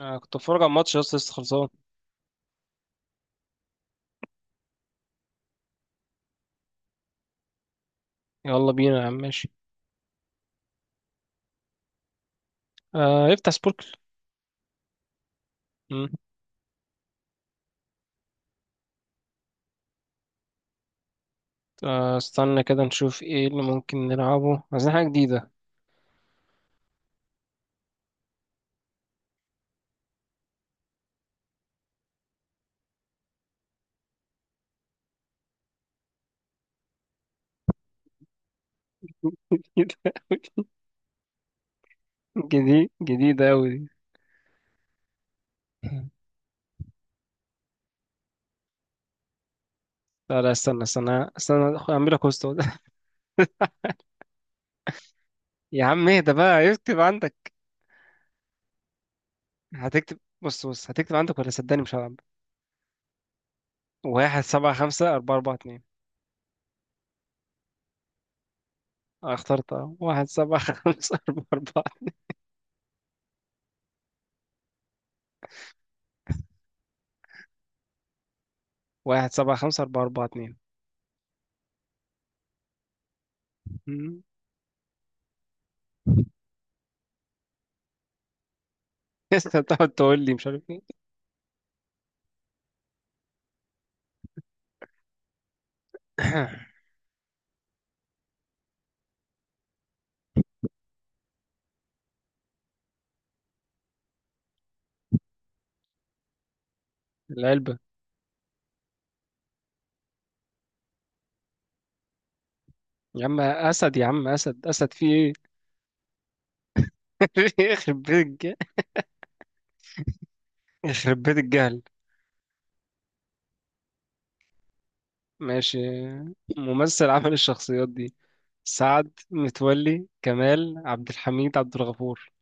آه، كنت بتفرج على الماتش لسه لسه خلصان. يلا بينا يا عم. ماشي. آه افتح سبوركل. مم. آه استنى كده نشوف ايه اللي ممكن نلعبه، عايزين حاجة جديدة. جديدة أوي. جديدة أوي دي. لا لا استنى استنى استنى، أعملها كوست. يا عم اهدى بقى، اكتب عندك. هتكتب بص بص، هتكتب عندك ولا صدقني مش هلعب. 175442. أنا اخترت أهو. واحد سبعة خمسة أربعة أربعة. 175442. مم. لسه بتقعد تقول لي مش عارف ايه. العلبة. يا عم أسد يا عم أسد، أسد في إيه؟ يخرب بيت يخرب بيت الجهل. ماشي. ممثل عمل الشخصيات دي، سعد متولي، كمال عبد الحميد، عبد الغفور.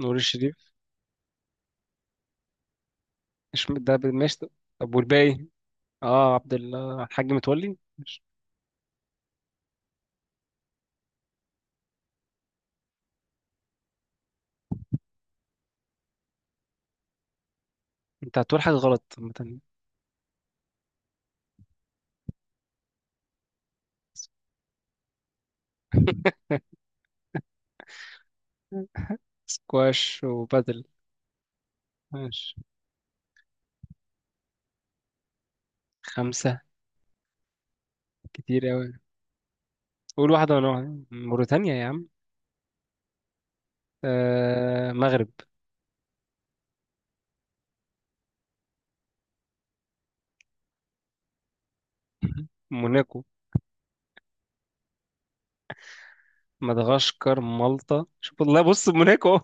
نور الشريف. مش ده ماشي طب. طب والباقي. اه الحاج متولي مش. انت هتقول حاجة غلط. عامة. سكواش وبادل. ماشي. خمسة كتير أوي. قول واحدة وأنا واحدة، موريتانيا يا عم. آه مغرب. موناكو، مدغشقر، مالطا، شوف والله، بص موناكو أهو.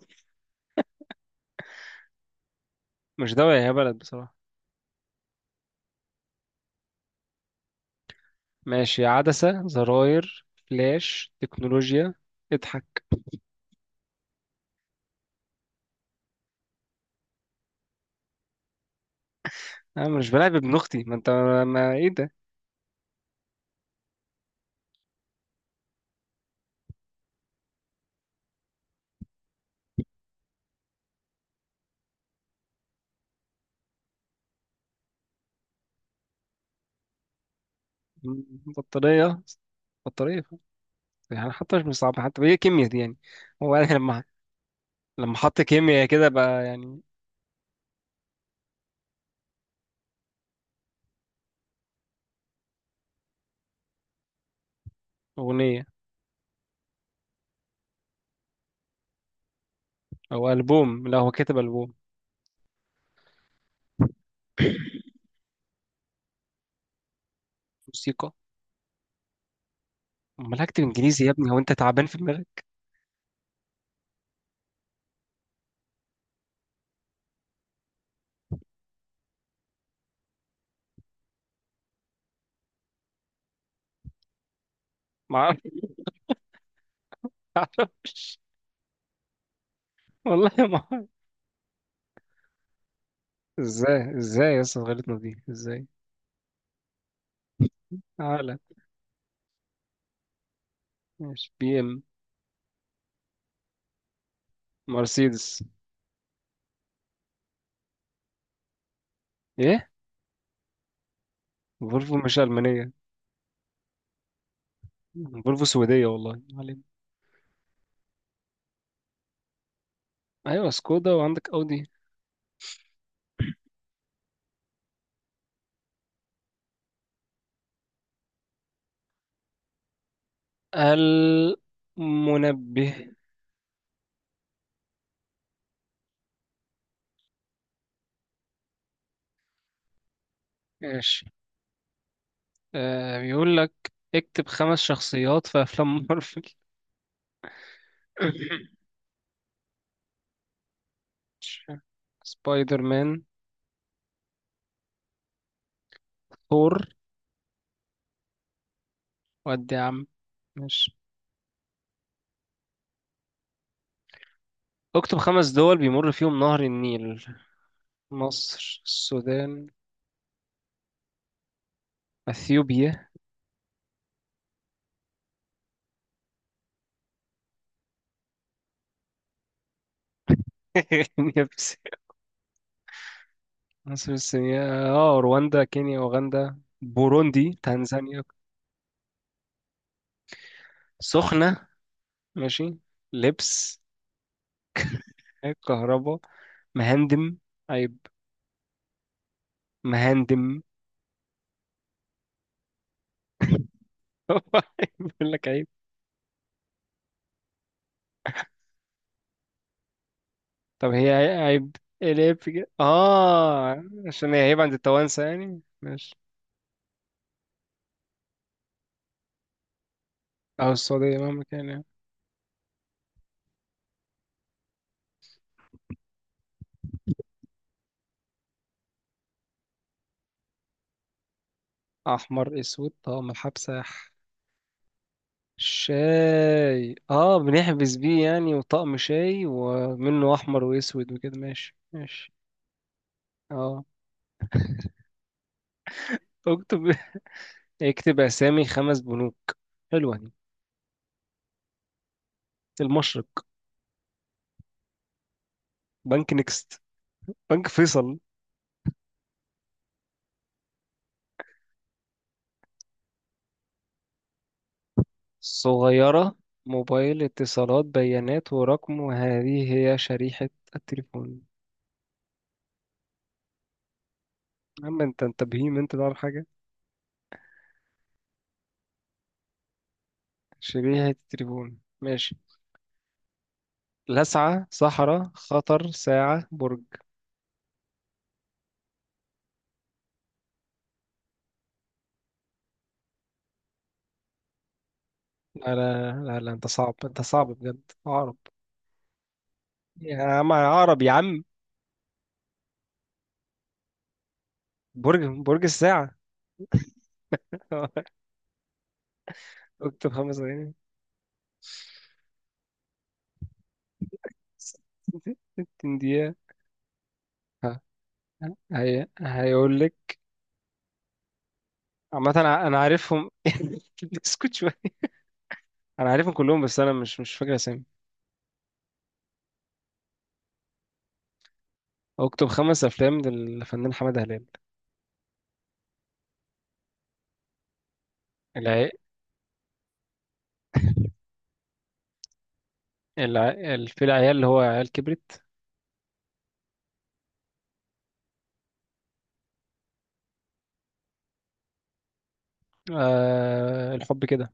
مش دولة، هي بلد بصراحة. ماشي. عدسة، زراير، فلاش، تكنولوجيا. اضحك. انا مش بلعب ابن اختي ما انت. ما ايه ده؟ بطارية. بطارية. يعني حتى مش صعب، حتى هي كيمياء دي يعني. هو انا لما حط كيمياء كده بقى يعني. اغنية. او البوم. لا هو كاتب البوم. موسيقى. امال هكتب انجليزي يا ابني؟ هو انت تعبان في دماغك؟ ما اعرفش. والله ما. ازاي، ازاي اصلا غلطنا دي ازاي. اعلى. ماشي، بي ام، مرسيدس. ايه، فولفو مش المانيه. فولفو سويديه والله، ما علينا. ايوه سكودا، وعندك اودي. المنبه. ماشي. بيقول لك اكتب 5 شخصيات في افلام مارفل. مش عارف. سبايدر مان. ثور. ودي يا عم. ماشي. اكتب 5 دول بيمر فيهم نهر النيل. مصر، السودان، اثيوبيا. كينيا. مصر السنية. اه رواندا، كينيا، أوغندا، بوروندي، تنزانيا. سخنة. ماشي. لبس، كهرباء، مهندم، عيب، مهندم. بيقول لك عيب. طب هي عيب. ايه العيب في كده؟ اه عشان هي عيب عند التوانسة يعني. ماشي. او السعودية مهما كان يعني. احمر اسود طقم الحبسة. شاي، اه بنحبس بيه يعني، وطقم شاي ومنه احمر واسود وكده. ماشي ماشي. اه، اكتب. اكتب اسامي 5 بنوك. حلوة دي. المشرق، بنك نكست، بنك فيصل. صغيرة. موبايل، اتصالات، بيانات ورقم، وهذه هي شريحة التليفون. أما أنت بهيم، أنت تعرف حاجة. شريحة التليفون. ماشي. لسعة، صحراء، خطر، ساعة، برج. لا لا لا، لا أنت صعب أنت صعب بجد، عقرب. يا عم عقرب يا عم. برج برج الساعة. اكتب 5 دقايق. 60 دقيقة. هي هيقول لك. عامة أنا عارفهم. اسكت شوية. انا عارفهم كلهم، بس انا مش فاكر اسامي. اكتب 5 افلام للفنان حماده هلال. العي... الع... في العيال اللي هو عيال كبرت. الحب كده.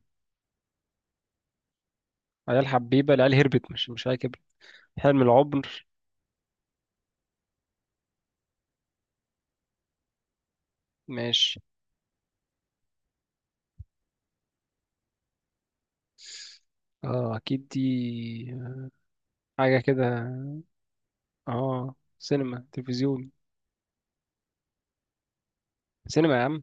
عيال حبيبه، العيال هربت، مش عيال كبرت. حلم العمر. ماشي. اه اكيد دي، حاجه كده. اه سينما تلفزيون. سينما يا عم.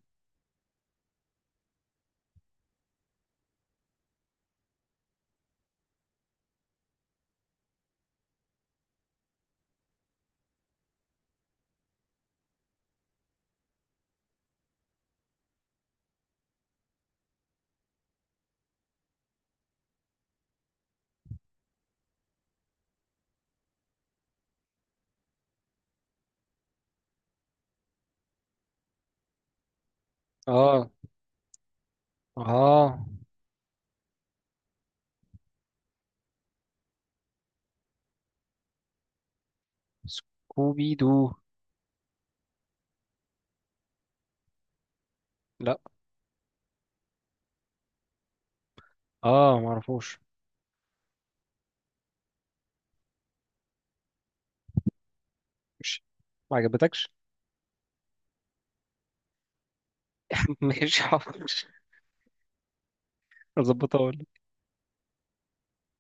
اه اه سكوبي دو. لا اه معرفوش. ماشي ما عجبتكش. ماشي حاضر. اظبطها اقول.